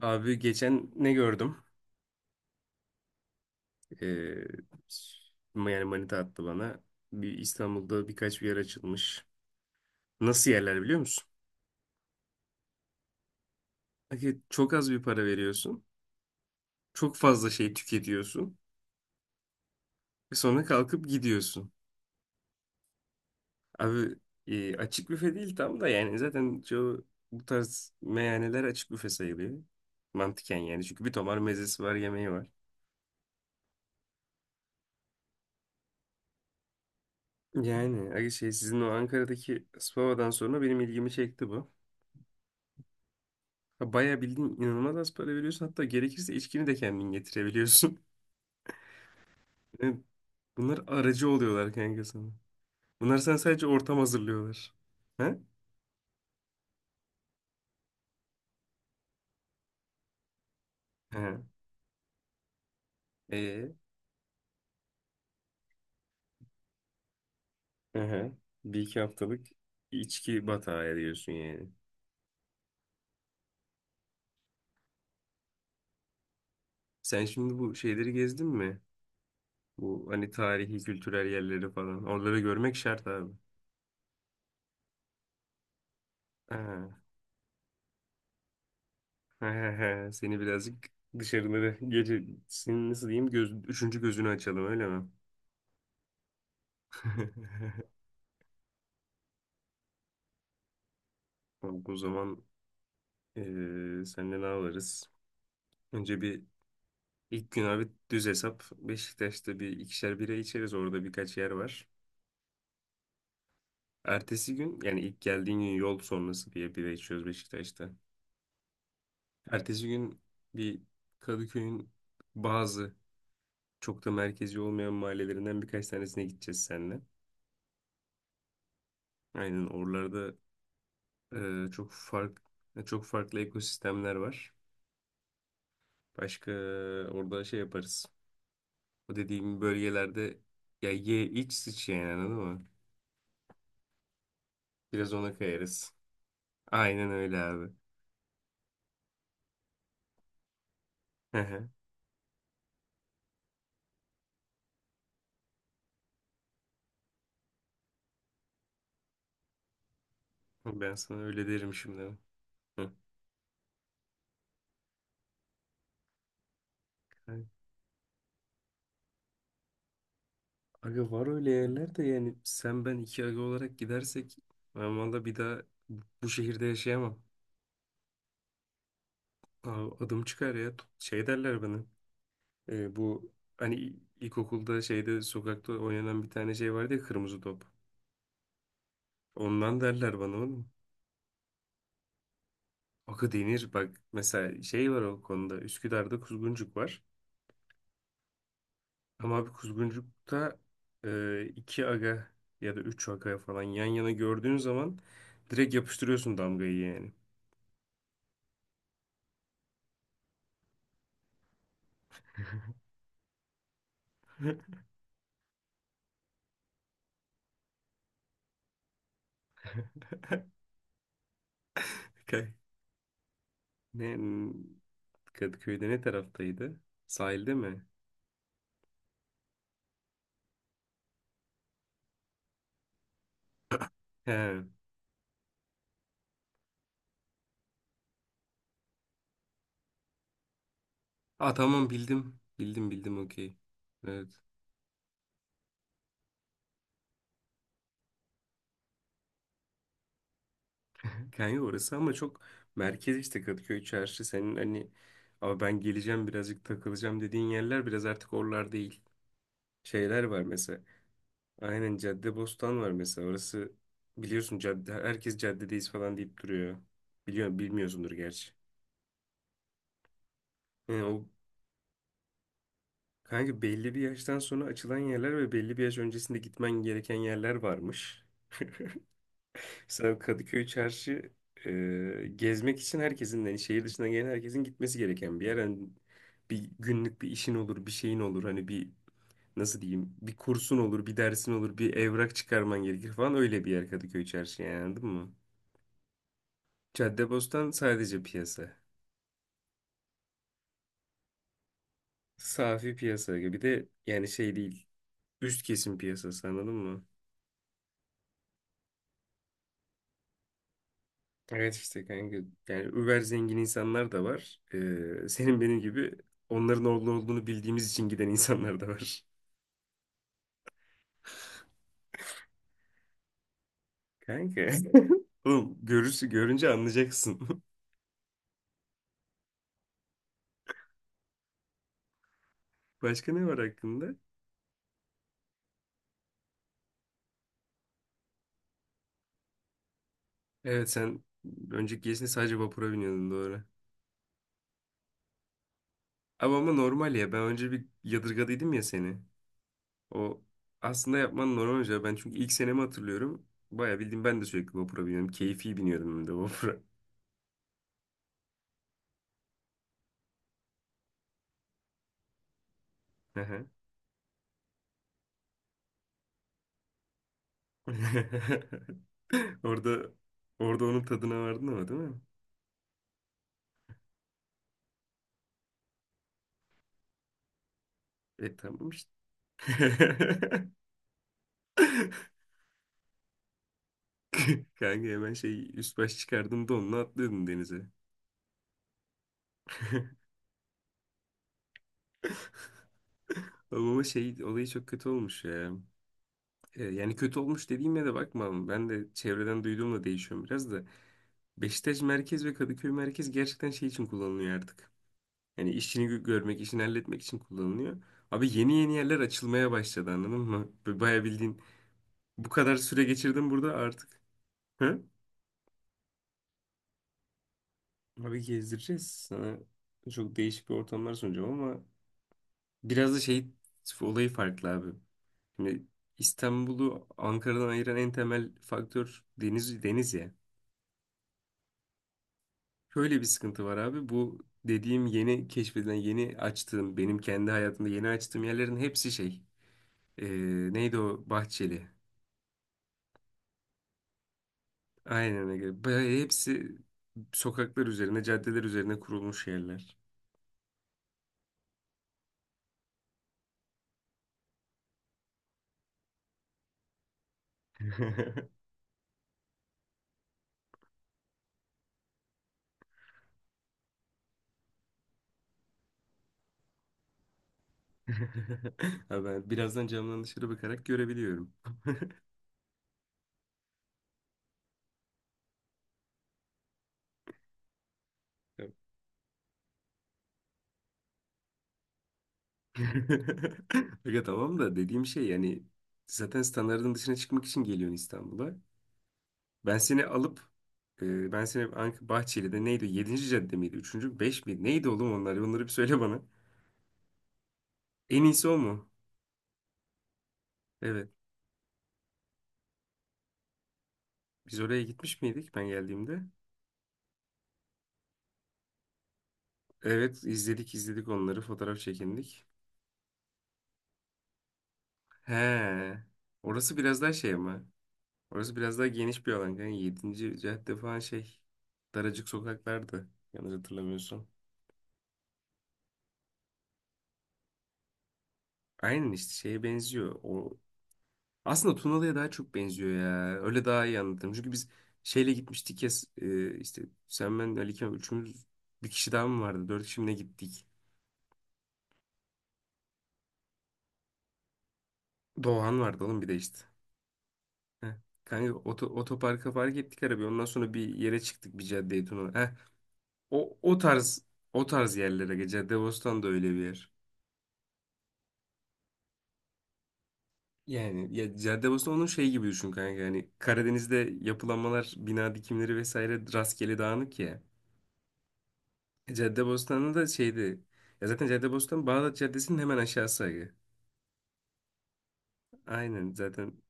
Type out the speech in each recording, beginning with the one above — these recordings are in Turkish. Abi geçen ne gördüm? Ee, Yani manita attı bana. Bir İstanbul'da birkaç bir yer açılmış. Nasıl yerler biliyor musun? Hani çok az bir para veriyorsun. Çok fazla şey tüketiyorsun. Ve sonra kalkıp gidiyorsun. Abi, açık büfe değil tam da yani zaten çoğu bu tarz meyhaneler açık büfe sayılıyor. Mantıken yani çünkü bir tomar mezesi var, yemeği var. Yani abi şey, sizin o Ankara'daki Spava'dan sonra benim ilgimi çekti bu. Ya, bayağı bildiğin inanılmaz az para veriyorsun. Hatta gerekirse içkini de kendin getirebiliyorsun. Yani bunlar aracı oluyorlar kanka sana. Bunlar sen sadece ortam hazırlıyorlar. Ha. He. Ee? Aha. Bir iki haftalık içki batağı ediyorsun yani. Sen şimdi bu şeyleri gezdin mi? Bu hani tarihi, kültürel yerleri falan. Oraları görmek şart abi. Ha. Seni birazcık dışarıları gece, senin nasıl diyeyim göz, üçüncü gözünü açalım öyle mi? Abi o zaman Ee, senle ne alırız? Önce bir, ilk gün abi düz hesap. Beşiktaş'ta bir ikişer bira içeriz. Orada birkaç yer var. Ertesi gün, yani ilk geldiğin gün yol sonrası diye bira içiyoruz Beşiktaş'ta. Ertesi gün bir Kadıköy'ün bazı çok da merkezi olmayan mahallelerinden birkaç tanesine gideceğiz seninle. Aynen oralarda, e, çok fark çok farklı ekosistemler var. Başka orada şey yaparız. O dediğim bölgelerde ya ye iç sıç yani, anladın mı? Biraz ona kayarız. Aynen öyle abi. Hı hı. Ben sana öyle derim şimdi. Hı. Yani, aga var öyle yerler de. Yani sen ben iki aga olarak gidersek ben valla bir daha bu şehirde yaşayamam. Abi adım çıkar ya. Şey derler bana. Bu hani ilkokulda şeyde sokakta oynanan bir tane şey vardı ya, kırmızı top. Ondan derler bana oğlum. Akı denir, bak mesela şey var o konuda, Üsküdar'da Kuzguncuk var. Ama abi kuzguncukta iki aga ya da üç aga falan yan yana gördüğün zaman direkt yapıştırıyorsun damgayı yani. Kay- Ne, Kadıköy'de ne taraftaydı? Sahilde mi? He. Aa, tamam bildim. Bildim bildim, okey. Evet. Kanka orası ama çok merkez işte, Kadıköy çarşı. Senin hani abi ben geleceğim birazcık takılacağım dediğin yerler biraz artık oralar değil. Şeyler var mesela. Aynen, Caddebostan var mesela. Orası, biliyorsun cadde, herkes caddedeyiz falan deyip duruyor. Biliyor, bilmiyorsundur gerçi. Yani o kanka, belli bir yaştan sonra açılan yerler ve belli bir yaş öncesinde gitmen gereken yerler varmış. Mesela Kadıköy Çarşı, gezmek için herkesin, yani şehir dışından gelen herkesin gitmesi gereken bir yer. Hani bir günlük bir işin olur, bir şeyin olur. Hani bir, nasıl diyeyim, bir kursun olur, bir dersin olur, bir evrak çıkarman gerekir falan, öyle bir yer Kadıköy Çarşı yani, anladın mı? Caddebostan sadece piyasa. Safi piyasa gibi, bir de yani şey değil. Üst kesim piyasası, anladın mı? Evet işte kanka, yani über zengin insanlar da var. Senin benim gibi onların orada olduğunu bildiğimiz için giden insanlar da var. Kanka. Oğlum, görürsün, görünce anlayacaksın. Başka ne var hakkında? Evet, sen önceki gezinde sadece vapura biniyordun, doğru. Ama normal ya, ben önce bir yadırgadıydım ya seni. O aslında yapman normal hoca. Ben çünkü ilk senemi hatırlıyorum. Bayağı bildiğim ben de sürekli vapura biniyorum. Keyfi biniyordum ben de vapura. Hı hı. Orada orada onun tadına vardın ama değil mi? E tamam işte. Kanka hemen şey üst baş çıkardım da onunla atlıyordum denize. Oğlum, ama şey olayı çok kötü olmuş ya. Yani kötü olmuş dediğime de bakma. Ben de çevreden duyduğumla değişiyorum biraz da. Beşiktaş merkez ve Kadıköy merkez gerçekten şey için kullanılıyor artık. Yani işini görmek, işini halletmek için kullanılıyor. Abi yeni yeni yerler açılmaya başladı, anladın mı? Bayağı bildiğin bu kadar süre geçirdim burada artık. Hı? Abi gezdireceğiz sana. Çok değişik bir ortamlar sunacağım ama biraz da şey olayı farklı abi. Şimdi İstanbul'u Ankara'dan ayıran en temel faktör deniz, deniz ya. Şöyle bir sıkıntı var abi. Bu dediğim yeni keşfedilen, yeni açtığım, benim kendi hayatımda yeni açtığım yerlerin hepsi şey. Ee, Neydi o Bahçeli? Aynen öyle. Bayağı hepsi sokaklar üzerine, caddeler üzerine kurulmuş yerler. Ha, ben birazdan camdan dışarı bakarak görebiliyorum. Tamam. Aga tamam da dediğim şey, yani zaten standartın dışına çıkmak için geliyorsun İstanbul'a. Ben seni alıp Ben seni Bahçeli'de neydi? Yedinci cadde miydi? 3. 5 miydi? Neydi oğlum onlar? Onları bir söyle bana. En iyisi o mu? Evet. Biz oraya gitmiş miydik ben geldiğimde? Evet, izledik onları, fotoğraf çekindik. He. Orası biraz daha şey ama. Orası biraz daha geniş bir alan. Yani 7. cadde falan şey. Daracık sokaklardı. Yanlış hatırlamıyorsam. Aynen işte şeye benziyor. O aslında Tunalı'ya daha çok benziyor ya. Öyle daha iyi anlatırım. Çünkü biz şeyle gitmiştik ya, işte sen, ben, Ali Kemal, üçümüz. Bir kişi daha mı vardı? Dört kişi mi ne gittik? Doğan vardı oğlum bir de işte. Heh. Kanka otoparka park ettik arabayı. Ondan sonra bir yere çıktık, bir caddeye, Tunalı. O, o tarz O tarz yerlere Caddebostan da öyle bir yer. Yani ya Caddebostan onun şey gibi düşün kanka. Yani Karadeniz'de yapılanmalar, bina dikimleri vesaire rastgele dağınık ya. Caddebostan'da da şeydi. Ya zaten Caddebostan Bağdat Caddesi'nin hemen aşağısı, aga. Aynen zaten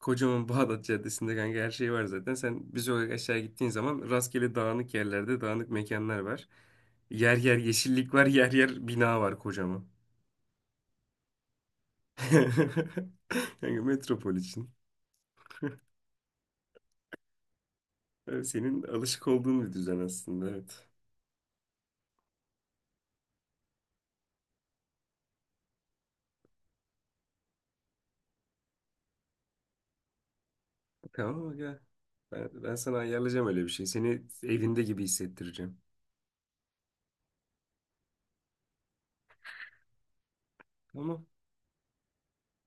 kocaman Bağdat Caddesi'nde kanka her şey var zaten. Sen bir sokak aşağı gittiğin zaman rastgele dağınık yerlerde dağınık mekanlar var. Yer yer yeşillik var, yer yer bina var kocaman. Yani metropol için. Evet, senin alışık olduğun bir düzen aslında, evet. Tamam, gel. Ben sana ayarlayacağım öyle bir şey. Seni evinde gibi hissettireceğim. Tamam.